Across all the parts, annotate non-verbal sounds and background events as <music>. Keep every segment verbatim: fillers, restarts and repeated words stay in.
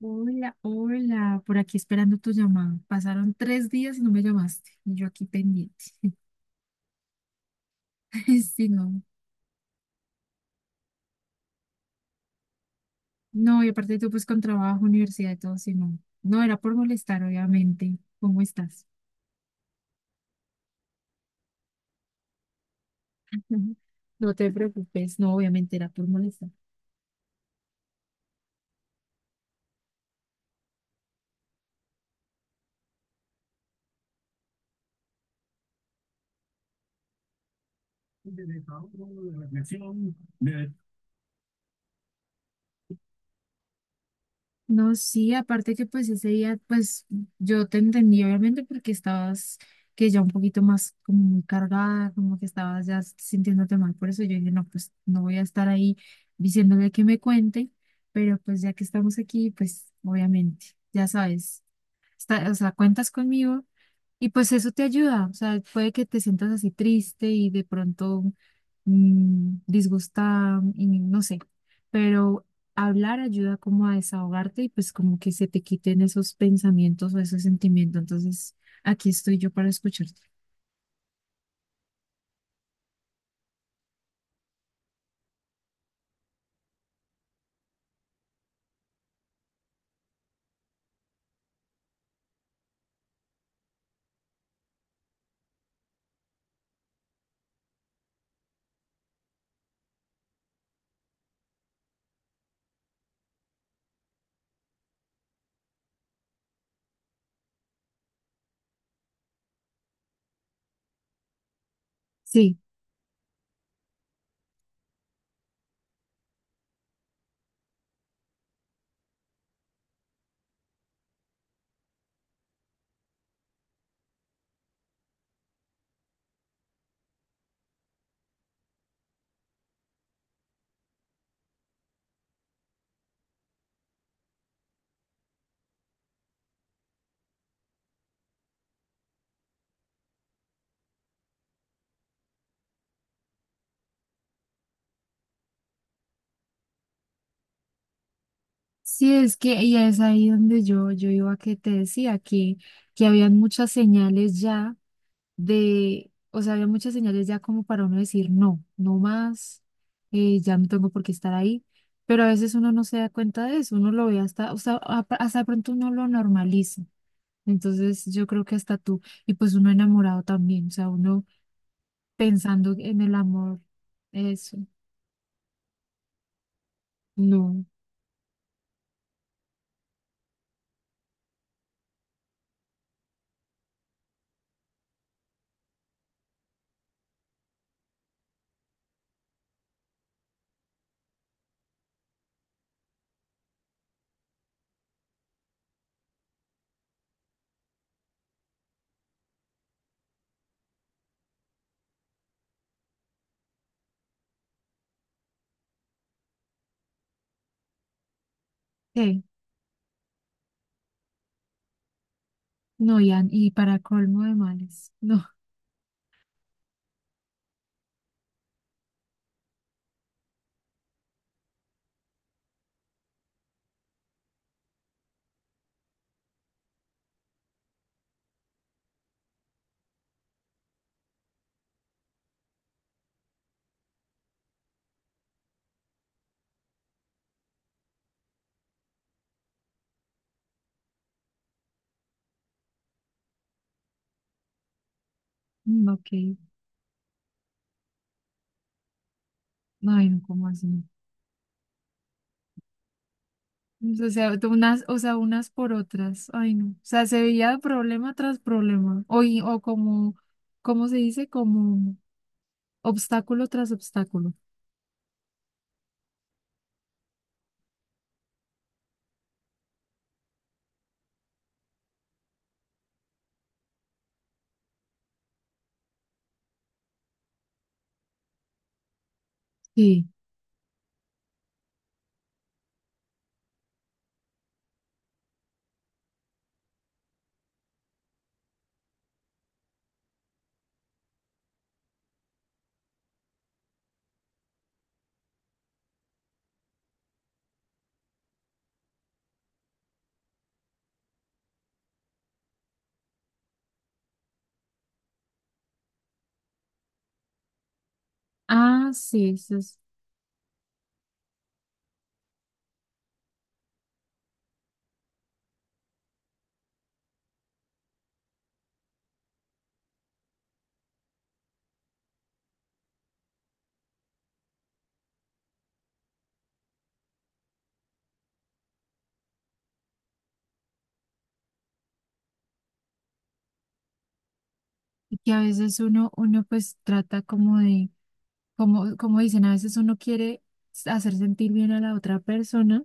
Hola, hola, por aquí esperando tu llamado. Pasaron tres días y no me llamaste, y yo aquí pendiente. <laughs> Sí, no, no, y aparte tú pues con trabajo, universidad y todo, sí, no. No, era por molestar, obviamente. ¿Cómo estás? <laughs> No te preocupes, no, obviamente era por molestar. No, sí, aparte que pues ese día, pues yo te entendí obviamente porque estabas que ya un poquito más como muy cargada, como que estabas ya sintiéndote mal, por eso yo dije, no, pues no voy a estar ahí diciéndole que me cuente, pero pues ya que estamos aquí, pues obviamente, ya sabes, está, o sea, cuentas conmigo y pues eso te ayuda, o sea, puede que te sientas así triste y de pronto mm, disgustada y no sé, pero hablar ayuda como a desahogarte y pues como que se te quiten esos pensamientos o esos sentimientos. Entonces, aquí estoy yo para escucharte. Sí, sí, es que y es ahí donde yo, yo iba que te decía que, que habían muchas señales ya de, o sea, había muchas señales ya como para uno decir, no, no más, eh, ya no tengo por qué estar ahí, pero a veces uno no se da cuenta de eso, uno lo ve hasta, o sea, a- hasta de pronto uno lo normaliza. Entonces yo creo que hasta tú, y pues uno enamorado también, o sea, uno pensando en el amor, eso, no, ¿qué? No, Ian, y para colmo de males, <laughs> no, no, ok, no, no, ¿cómo así? O sea, tú unas, o sea, unas por otras. Ay, no. O sea, se veía problema tras problema. O, y- o como, ¿cómo se dice? Como obstáculo tras obstáculo. Sí. Ah, sí, eso es. Y que a veces uno, uno pues trata como de, como, como dicen, a veces uno quiere hacer sentir bien a la otra persona.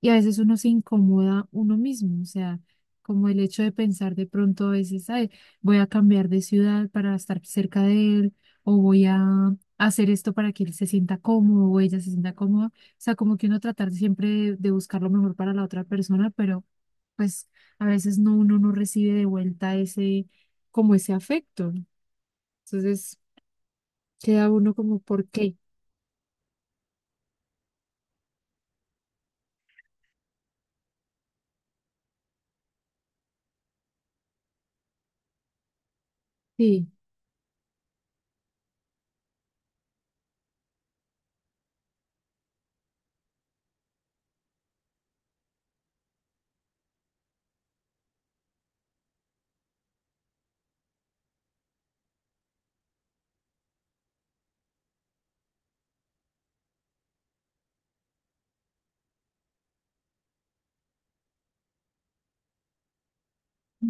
Y a veces uno se incomoda uno mismo, o sea, como el hecho de pensar de pronto a veces, ay, voy a cambiar de ciudad para estar cerca de él, o voy a hacer esto para que él se sienta cómodo o ella se sienta cómoda. O sea, como que uno tratar siempre de, de, buscar lo mejor para la otra persona, pero pues a veces no, uno no recibe de vuelta ese, como ese afecto. Entonces queda uno como, ¿por qué? Sí,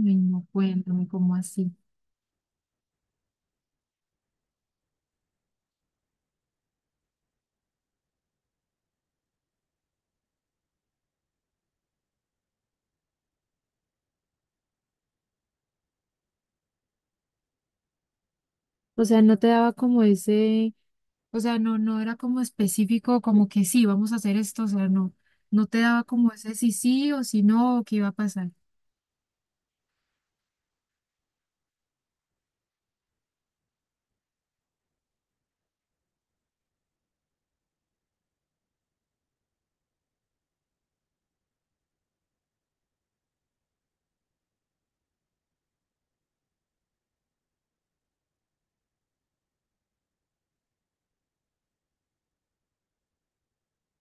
ay, no cuéntame, como así. O sea, no te daba como ese. O sea, no, no era como específico, como que sí, vamos a hacer esto, o sea, no, no te daba como ese sí sí o si no, o qué iba a pasar.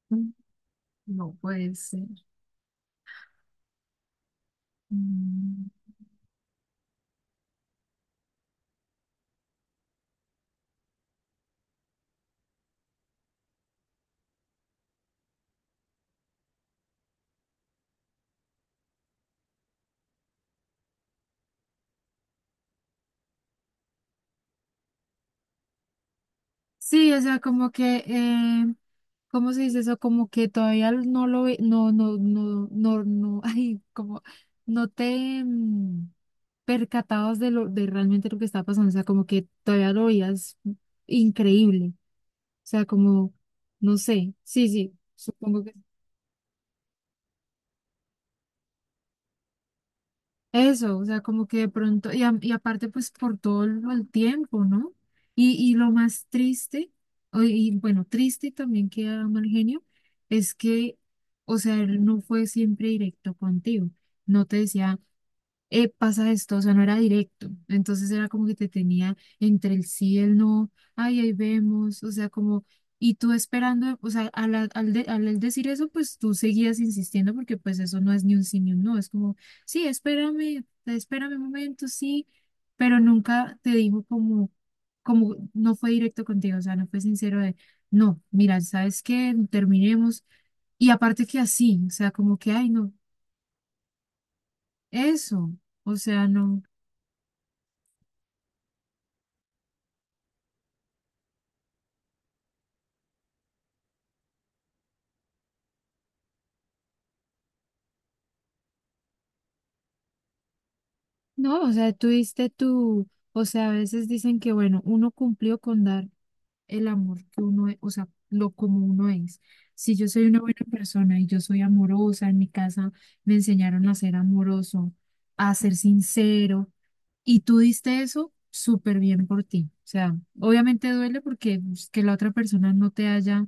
Mm. No puede ser. Mm. Sí, o sea, como que, eh, ¿cómo se dice eso? Como que todavía no lo ve, no, no, no, no, no, <laughs> ay, como, no te mm, percatabas de lo, de realmente lo que estaba pasando, o sea, como que todavía lo veías increíble, o sea, como, no sé, sí, sí, supongo que. Eso, o sea, como que de pronto, y, a- y aparte pues por todo lo- el tiempo, ¿no? Y, y lo más triste, o- y bueno, triste y también que era mal genio, es que, o sea, él no fue siempre directo contigo, no te decía eh, pasa esto, o sea, no era directo. Entonces era como que te tenía entre el sí y el no, ay, ahí vemos, o sea, como, y tú esperando, o sea, al, al, al de- al él decir eso, pues tú seguías insistiendo porque pues eso no es ni un sí ni un no, es como, sí, espérame, espérame un momento, sí, pero nunca te dijo como, como, no fue directo contigo, o sea, no fue sincero de, no, mira, ¿sabes qué? Terminemos. Y aparte que así, o sea, como que, ay, no, eso, o sea, no. No, o sea, tú tuviste tu, o sea, a veces dicen que, bueno, uno cumplió con dar el amor que uno es, o sea, lo como uno es. Si yo soy una buena persona y yo soy amorosa, en mi casa me enseñaron a ser amoroso, a ser sincero, y tú diste eso súper bien por ti. O sea, obviamente duele porque pues, que la otra persona no te haya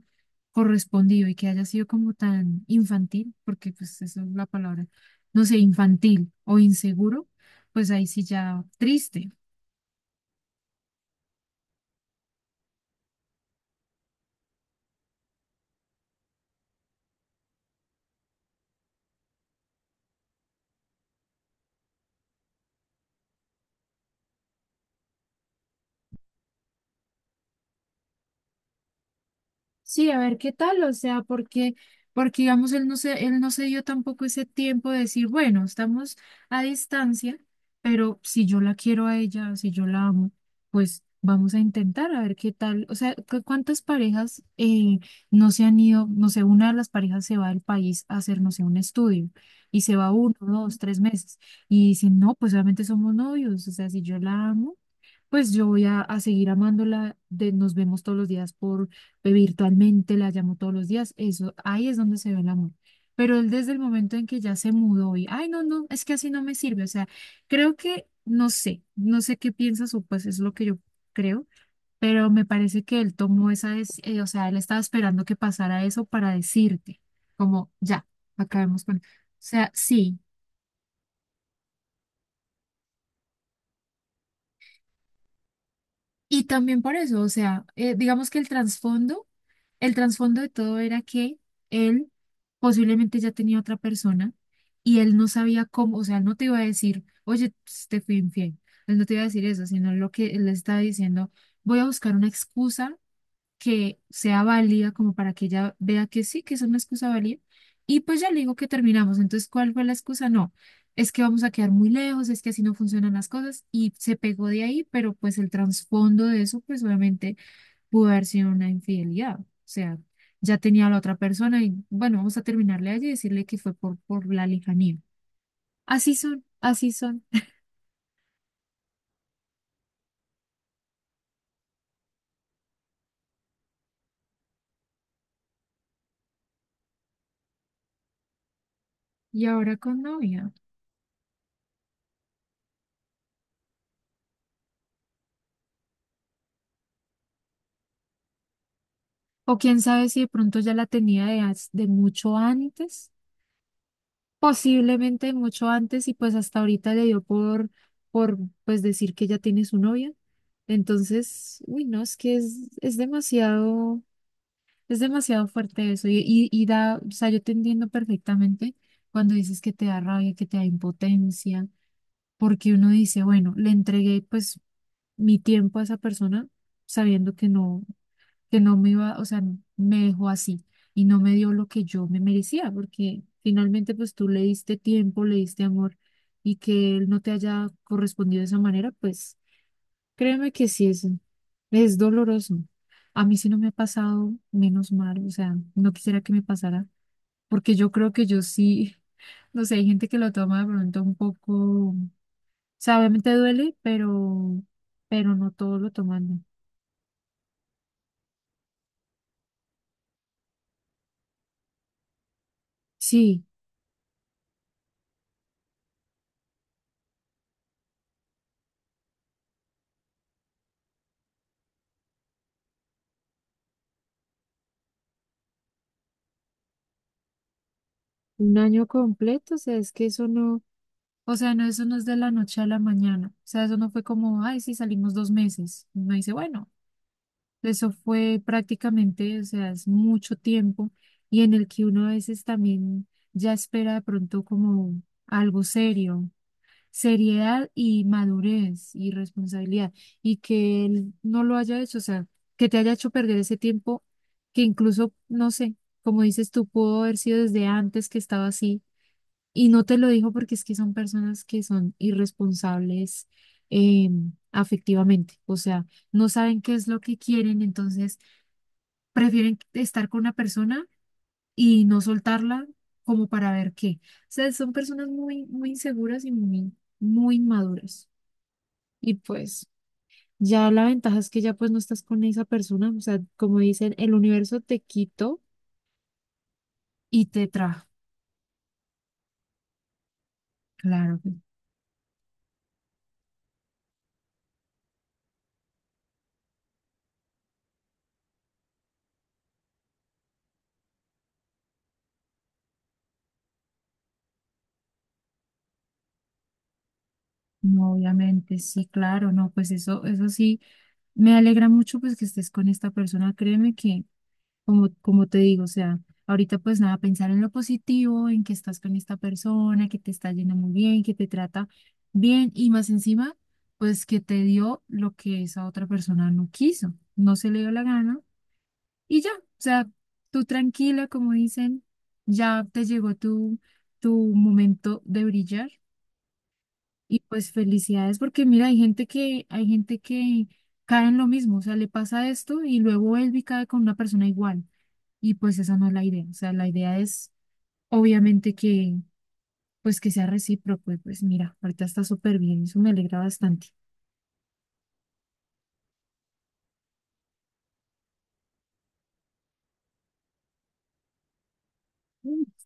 correspondido y que haya sido como tan infantil, porque pues eso es la palabra, no sé, infantil o inseguro, pues ahí sí ya triste. Sí, a ver qué tal, o sea, porque, porque digamos, él no se, él no se dio tampoco ese tiempo de decir, bueno, estamos a distancia, pero si yo la quiero a ella, si yo la amo, pues vamos a intentar a ver qué tal. O sea, cu- ¿cuántas parejas eh, no se han ido? No sé, una de las parejas se va del país a hacer, no sé, un estudio y se va uno, dos, tres meses y dicen, no, pues obviamente somos novios, o sea, si yo la amo. Pues yo voy a, a seguir amándola, de, nos vemos todos los días por eh, virtualmente, la llamo todos los días, eso, ahí es donde se ve el amor. Pero él desde el momento en que ya se mudó y, ay, no, no, es que así no me sirve, o sea, creo que, no sé, no sé qué piensas o pues es lo que yo creo, pero me parece que él tomó esa, des- eh, o sea, él estaba esperando que pasara eso para decirte, como, ya, acabemos con, o sea, sí. Y también por eso, o sea, eh, digamos que el trasfondo, el trasfondo de todo era que él posiblemente ya tenía otra persona y él no sabía cómo, o sea, él no te iba a decir, oye, pues, te fui infiel. Él no te iba a decir eso, sino lo que él estaba diciendo, voy a buscar una excusa que sea válida como para que ella vea que sí, que es una excusa válida. Y pues ya le digo que terminamos. Entonces, ¿cuál fue la excusa? No, es que vamos a quedar muy lejos, es que así no funcionan las cosas y se pegó de ahí, pero pues el trasfondo de eso, pues obviamente pudo haber sido una infidelidad. O sea, ya tenía a la otra persona y bueno, vamos a terminarle allí y decirle que fue por, por la lejanía. Así son, así son. Y ahora con novia. O quién sabe si de pronto ya la tenía de, as- de mucho antes. Posiblemente mucho antes y pues hasta ahorita le dio por, por, pues decir que ya tiene su novia. Entonces, uy, no, es que es, es demasiado, es demasiado fuerte eso y, y, y da, o sea, yo te entiendo perfectamente cuando dices que te da rabia, que te da impotencia, porque uno dice, bueno, le entregué pues mi tiempo a esa persona sabiendo que no que no me iba, o sea, me dejó así y no me dio lo que yo me merecía, porque finalmente pues tú le diste tiempo, le diste amor y que él no te haya correspondido de esa manera, pues créeme que sí es, es doloroso. A mí sí no me ha pasado, menos mal, o sea, no quisiera que me pasara, porque yo creo que yo sí, <laughs> no sé, hay gente que lo toma de pronto un poco, o sea, obviamente duele, pero, pero no todos lo toman. Sí. Un año completo, o sea, es que eso no. O sea, no, eso no es de la noche a la mañana. O sea, eso no fue como, ay, sí, salimos dos meses. Uno dice, bueno, eso fue prácticamente, o sea, es mucho tiempo y en el que uno a veces también ya espera de pronto como algo serio, seriedad y madurez y responsabilidad. Y que él no lo haya hecho, o sea, que te haya hecho perder ese tiempo que incluso, no sé, como dices tú, pudo haber sido desde antes que estaba así y no te lo dijo porque es que son personas que son irresponsables eh, afectivamente, o sea, no saben qué es lo que quieren, entonces prefieren estar con una persona y no soltarla como para ver qué. O sea, son personas muy, muy inseguras y muy, muy inmaduras. Y pues ya la ventaja es que ya pues no estás con esa persona, o sea, como dicen, el universo te quitó y te trajo. Claro, no, obviamente, sí, claro, no, pues eso, eso sí. Me alegra mucho pues que estés con esta persona. Créeme que, como, como te digo, o sea, ahorita pues nada, pensar en lo positivo, en que estás con esta persona, que te está yendo muy bien, que te trata bien y más encima, pues que te dio lo que esa otra persona no quiso, no se le dio la gana y ya, o sea, tú tranquila, como dicen, ya te llegó tu, tu momento de brillar y pues felicidades, porque mira, hay gente que, hay gente que cae en lo mismo, o sea, le pasa esto y luego él cae con una persona igual. Y pues esa no es la idea. O sea, la idea es obviamente que, pues que sea recíproco. Y pues mira, ahorita está súper bien, eso me alegra bastante.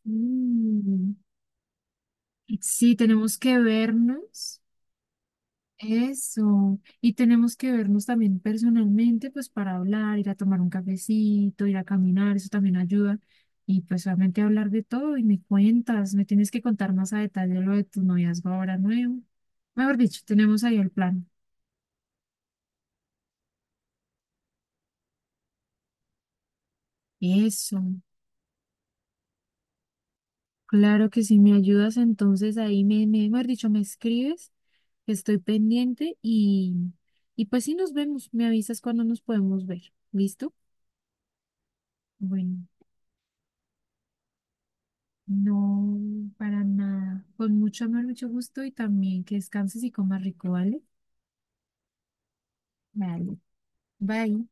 Mm. Sí, tenemos que vernos. Eso. Y tenemos que vernos también personalmente, pues para hablar, ir a tomar un cafecito, ir a caminar, eso también ayuda. Y pues obviamente hablar de todo y me cuentas, me tienes que contar más a detalle lo de tu noviazgo ahora nuevo. Mejor dicho, tenemos ahí el plan. Eso. Claro que si me ayudas, entonces ahí me, me, mejor dicho, me escribes, que estoy pendiente y, y pues sí nos vemos, me avisas cuando nos podemos ver. ¿Listo? Bueno. No, para nada. Con mucho amor, mucho gusto y también que descanses y comas rico, ¿vale? Vale. Bye.